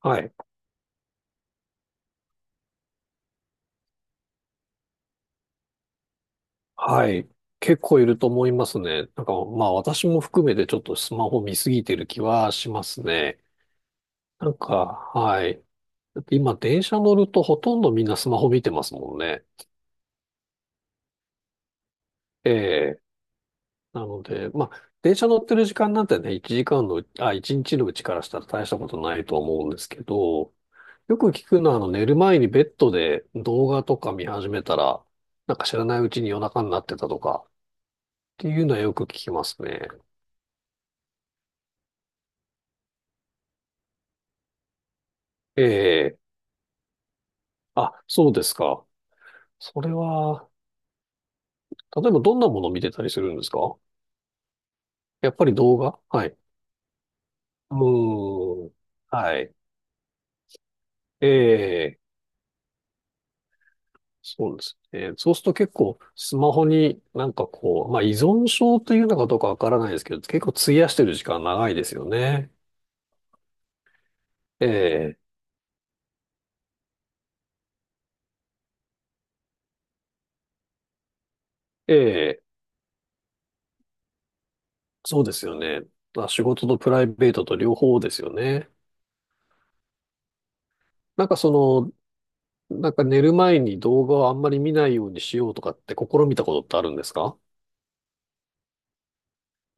はい。はい。結構いると思いますね。まあ私も含めてちょっとスマホ見すぎてる気はしますね。なんか、はい。だって今電車乗るとほとんどみんなスマホ見てますもんね。ええ。なので、まあ電車乗ってる時間なんてね、1日のうちからしたら大したことないと思うんですけど、よく聞くのは寝る前にベッドで動画とか見始めたら、知らないうちに夜中になってたとかっていうのはよく聞きますね。ええ、あ、そうですか。それは、例えばどんなものを見てたりするんですか？やっぱり動画。はい。うーん。はい。ええ、そうですね。そうすると結構スマホにまあ依存症というのかどうかわからないですけど、結構費やしてる時間長いですよね。ええ、ええ、そうですよね。まあ、仕事とプライベートと両方ですよね。なんかその、なんか寝る前に動画をあんまり見ないようにしようとかって試みたことってあるんですか？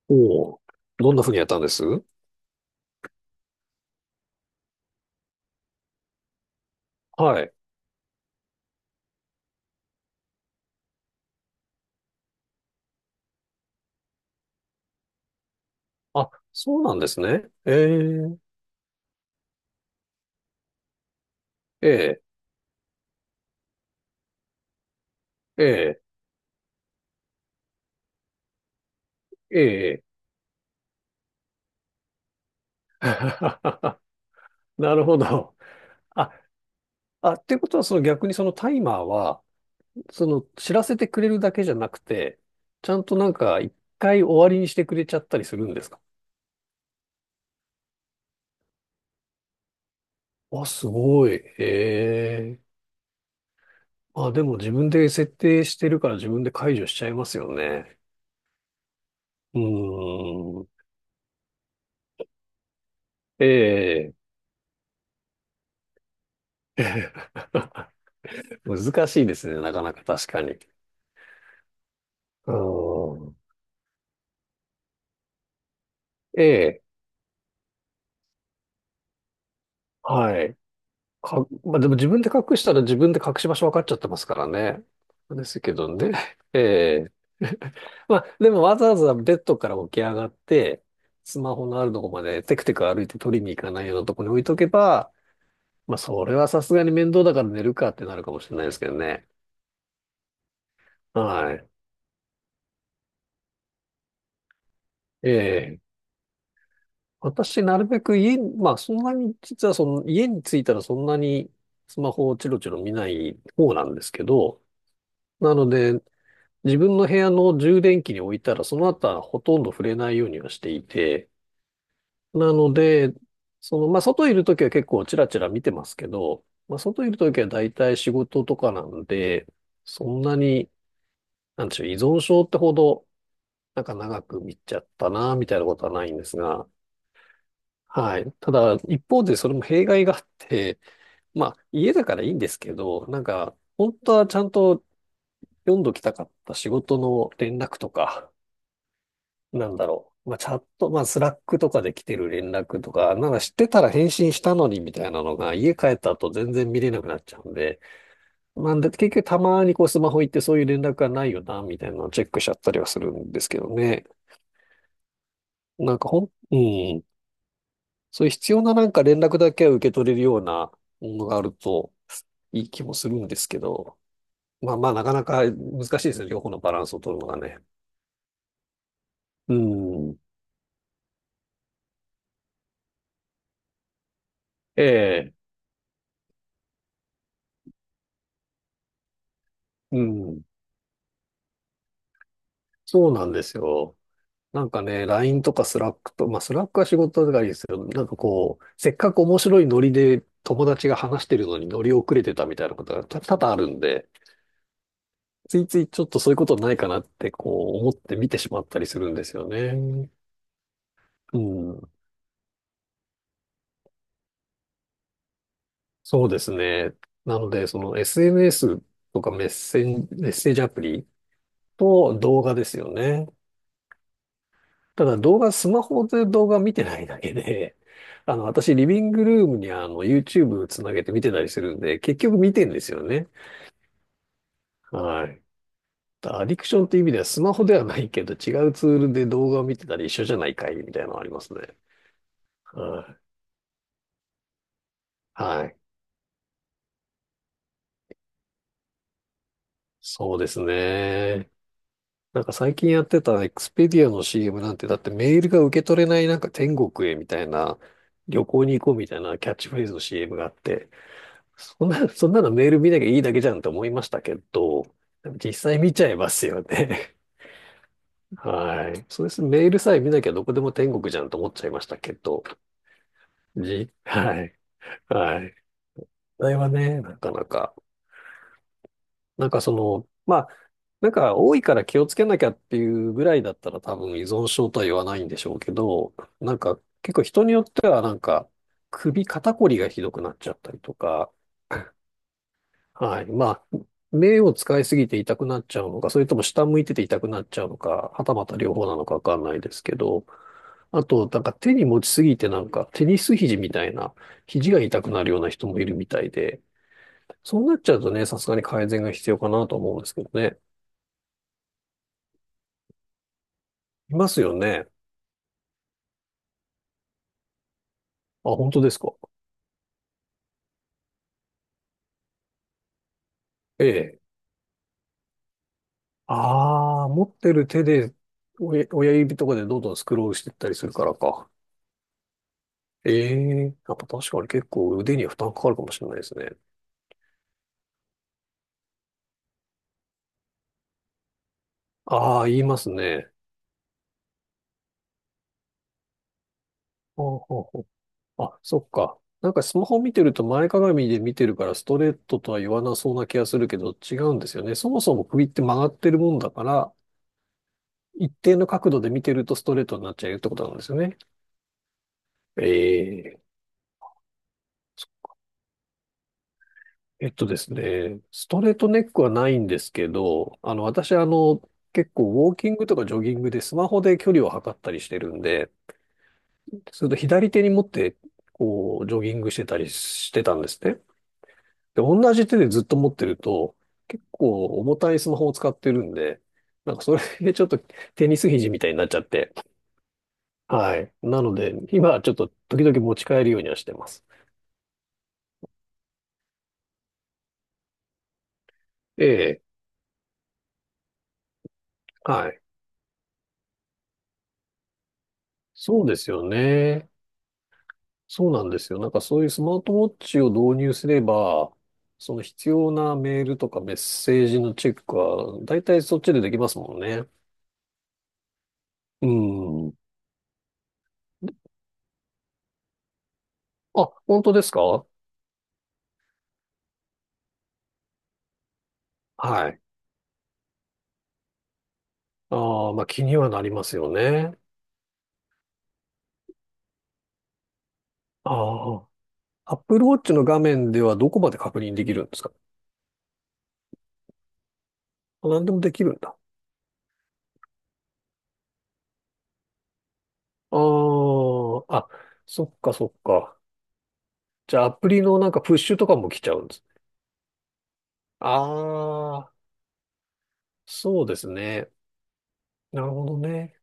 おお、どんな風にやったんです？はい。あ、そうなんですね。えー、えー、えー、えー。なるほど。あ、あ、っていうことは、その逆にそのタイマーは、その知らせてくれるだけじゃなくて、ちゃんと一回終わりにしてくれちゃったりするんですか？あ、すごい。ええ。あ、でも自分で設定してるから自分で解除しちゃいますよね。うーん。ええ。難しいですね、なかなか確かに。うん。ええ、はい。か、まあ、でも自分で隠したら自分で隠し場所分かっちゃってますからね。ですけどね。ええ。まあ、でもわざわざベッドから起き上がって、スマホのあるとこまでテクテク歩いて取りに行かないようなとこに置いとけば、まあ、それはさすがに面倒だから寝るかってなるかもしれないですけどね。はい。ええ。私、なるべく家に、まあ、そんなに、実はその、家に着いたらそんなにスマホをチロチロ見ない方なんですけど、なので、自分の部屋の充電器に置いたら、その後はほとんど触れないようにはしていて、なので、まあ、外いるときは結構チラチラ見てますけど、まあ、外いるときは大体仕事とかなんで、そんなに、なんでしょう、依存症ってほど、なんか長く見ちゃったな、みたいなことはないんですが、はい。ただ、一方でそれも弊害があって、まあ、家だからいいんですけど、なんか、本当はちゃんと読んどきたかった仕事の連絡とか、なんだろう。まあ、チャット、まあ、スラックとかで来てる連絡とか、なんか知ってたら返信したのにみたいなのが、家帰った後全然見れなくなっちゃうんで、なんで、結局たまにこうスマホ行ってそういう連絡がないよな、みたいなのをチェックしちゃったりはするんですけどね。なんかほん、うん。そういう必要な連絡だけは受け取れるようなものがあると、いい気もするんですけど、まあまあ、なかなか難しいですね。両方のバランスを取るのがね。うん。ええ、うん。そうなんですよ。なんかね、LINE とかスラックと、まあスラックは仕事だからいいですけど、なんかこう、せっかく面白いノリで友達が話してるのに乗り遅れてたみたいなことが多々あるんで、ついついちょっとそういうことないかなってこう思って見てしまったりするんですよね。うん。そうですね。なので、その SNS とかメッセージアプリと動画ですよね。ただ動画、スマホで動画見てないだけで、あの、私、リビングルームにあの、YouTube つなげて見てたりするんで、結局見てんですよね。はい。アディクションっていう意味では、スマホではないけど、違うツールで動画を見てたら一緒じゃないかいみたいなのありますね。はい。はい。そうですね。なんか最近やってたエクスペディアの CM なんて、だってメールが受け取れないなんか天国へみたいな、旅行に行こうみたいなキャッチフレーズの CM があって、そんな、そんなのメール見なきゃいいだけじゃんと思いましたけど、でも実際見ちゃいますよね。はい。そうです。メールさえ見なきゃどこでも天国じゃんと思っちゃいましたけど、じ、はい。はい。あれはね、なかなか、なんかその、まあ、なんか多いから気をつけなきゃっていうぐらいだったら多分依存症とは言わないんでしょうけど、結構人によっては首肩こりがひどくなっちゃったりとか、はい。まあ、目を使いすぎて痛くなっちゃうのか、それとも下向いてて痛くなっちゃうのか、はたまた両方なのかわかんないですけど、あと、なんか手に持ちすぎてなんかテニス肘みたいな、肘が痛くなるような人もいるみたいで、そうなっちゃうとね、さすがに改善が必要かなと思うんですけどね。いますよね。あ、本当ですか。ええ。ああ、持ってる手で親指とかでどんどんスクロールしていったりするからか。ええ。やっぱ確かに結構腕には負担かかるかもしれないですね。ああ、言いますね。ほうほうほう。あ、そっか。なんかスマホ見てると前かがみで見てるからストレートとは言わなそうな気がするけど違うんですよね。そもそも首って曲がってるもんだから、一定の角度で見てるとストレートになっちゃうってことなんですよね。ええ。えっとですね、ストレートネックはないんですけど、私結構ウォーキングとかジョギングでスマホで距離を測ったりしてるんで、それと左手に持って、こう、ジョギングしてたりしてたんですね。で、同じ手でずっと持ってると、結構重たいスマホを使ってるんで、なんかそれでちょっとテニス肘みたいになっちゃって。はい。なので、今はちょっと時々持ち帰るようにはしてます。ええ。はい。そうですよね。そうなんですよ。なんかそういうスマートウォッチを導入すれば、その必要なメールとかメッセージのチェックは、だいたいそっちでできますもんね。うん。あ、本当ですか？はい。ああ、まあ気にはなりますよね。ああ。Apple Watch の画面ではどこまで確認できるんですか？あ、何でもできるんだ。ああ。あ、そっかそっか。じゃあアプリのなんかプッシュとかも来ちゃうんです。ああ、そうですね。なるほどね。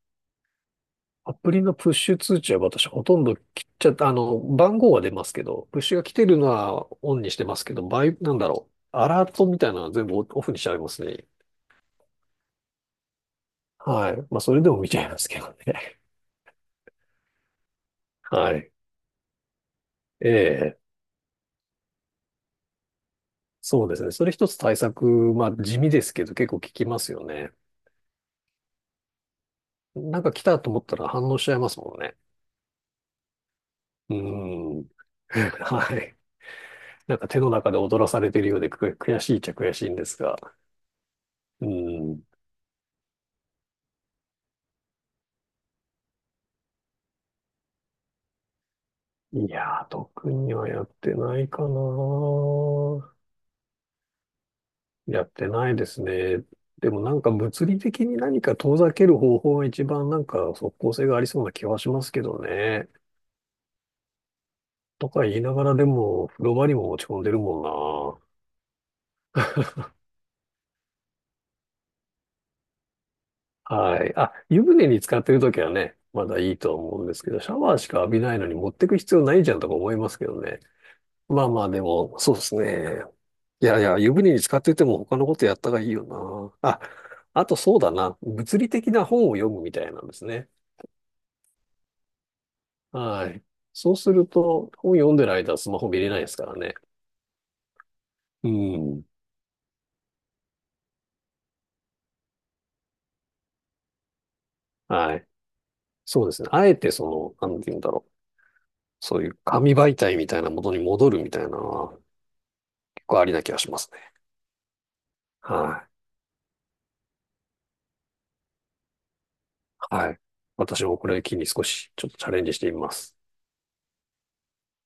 アプリのプッシュ通知は私ほとんど切っちゃった。あの、番号は出ますけど、プッシュが来てるのはオンにしてますけど、なんだろう。アラートみたいなのは全部オオフにしちゃいますね。はい。まあ、それでも見ちゃいますけどね。はい。ええ、そうですね。それ一つ対策、まあ地味ですけど結構効きますよね。なんか来たと思ったら反応しちゃいますもんね。うーん。はい。なんか手の中で踊らされてるようで悔しいっちゃ悔しいんですが。うーん。いやー、特にはやってないかな。やってないですね。でもなんか物理的に何か遠ざける方法が一番なんか即効性がありそうな気はしますけどね。とか言いながらでも風呂場にも持ち込んでるもんな。はい。あ、湯船に使ってるときはね、まだいいと思うんですけど、シャワーしか浴びないのに持ってく必要ないじゃんとか思いますけどね。まあまあ、でも、そうですね。いやいや、湯船に使ってても他のことやった方がいいよな。あ、あとそうだな。物理的な本を読むみたいなんですね。はい。そうすると、本読んでる間はスマホ見れないですからね。うん。はい。そうですね。あえてなんて言うんだろう。そういう紙媒体みたいなものに戻るみたいなのは結構ありな気がしますね。はい。はい。私もこれを機に少しちょっとチャレンジしてみます。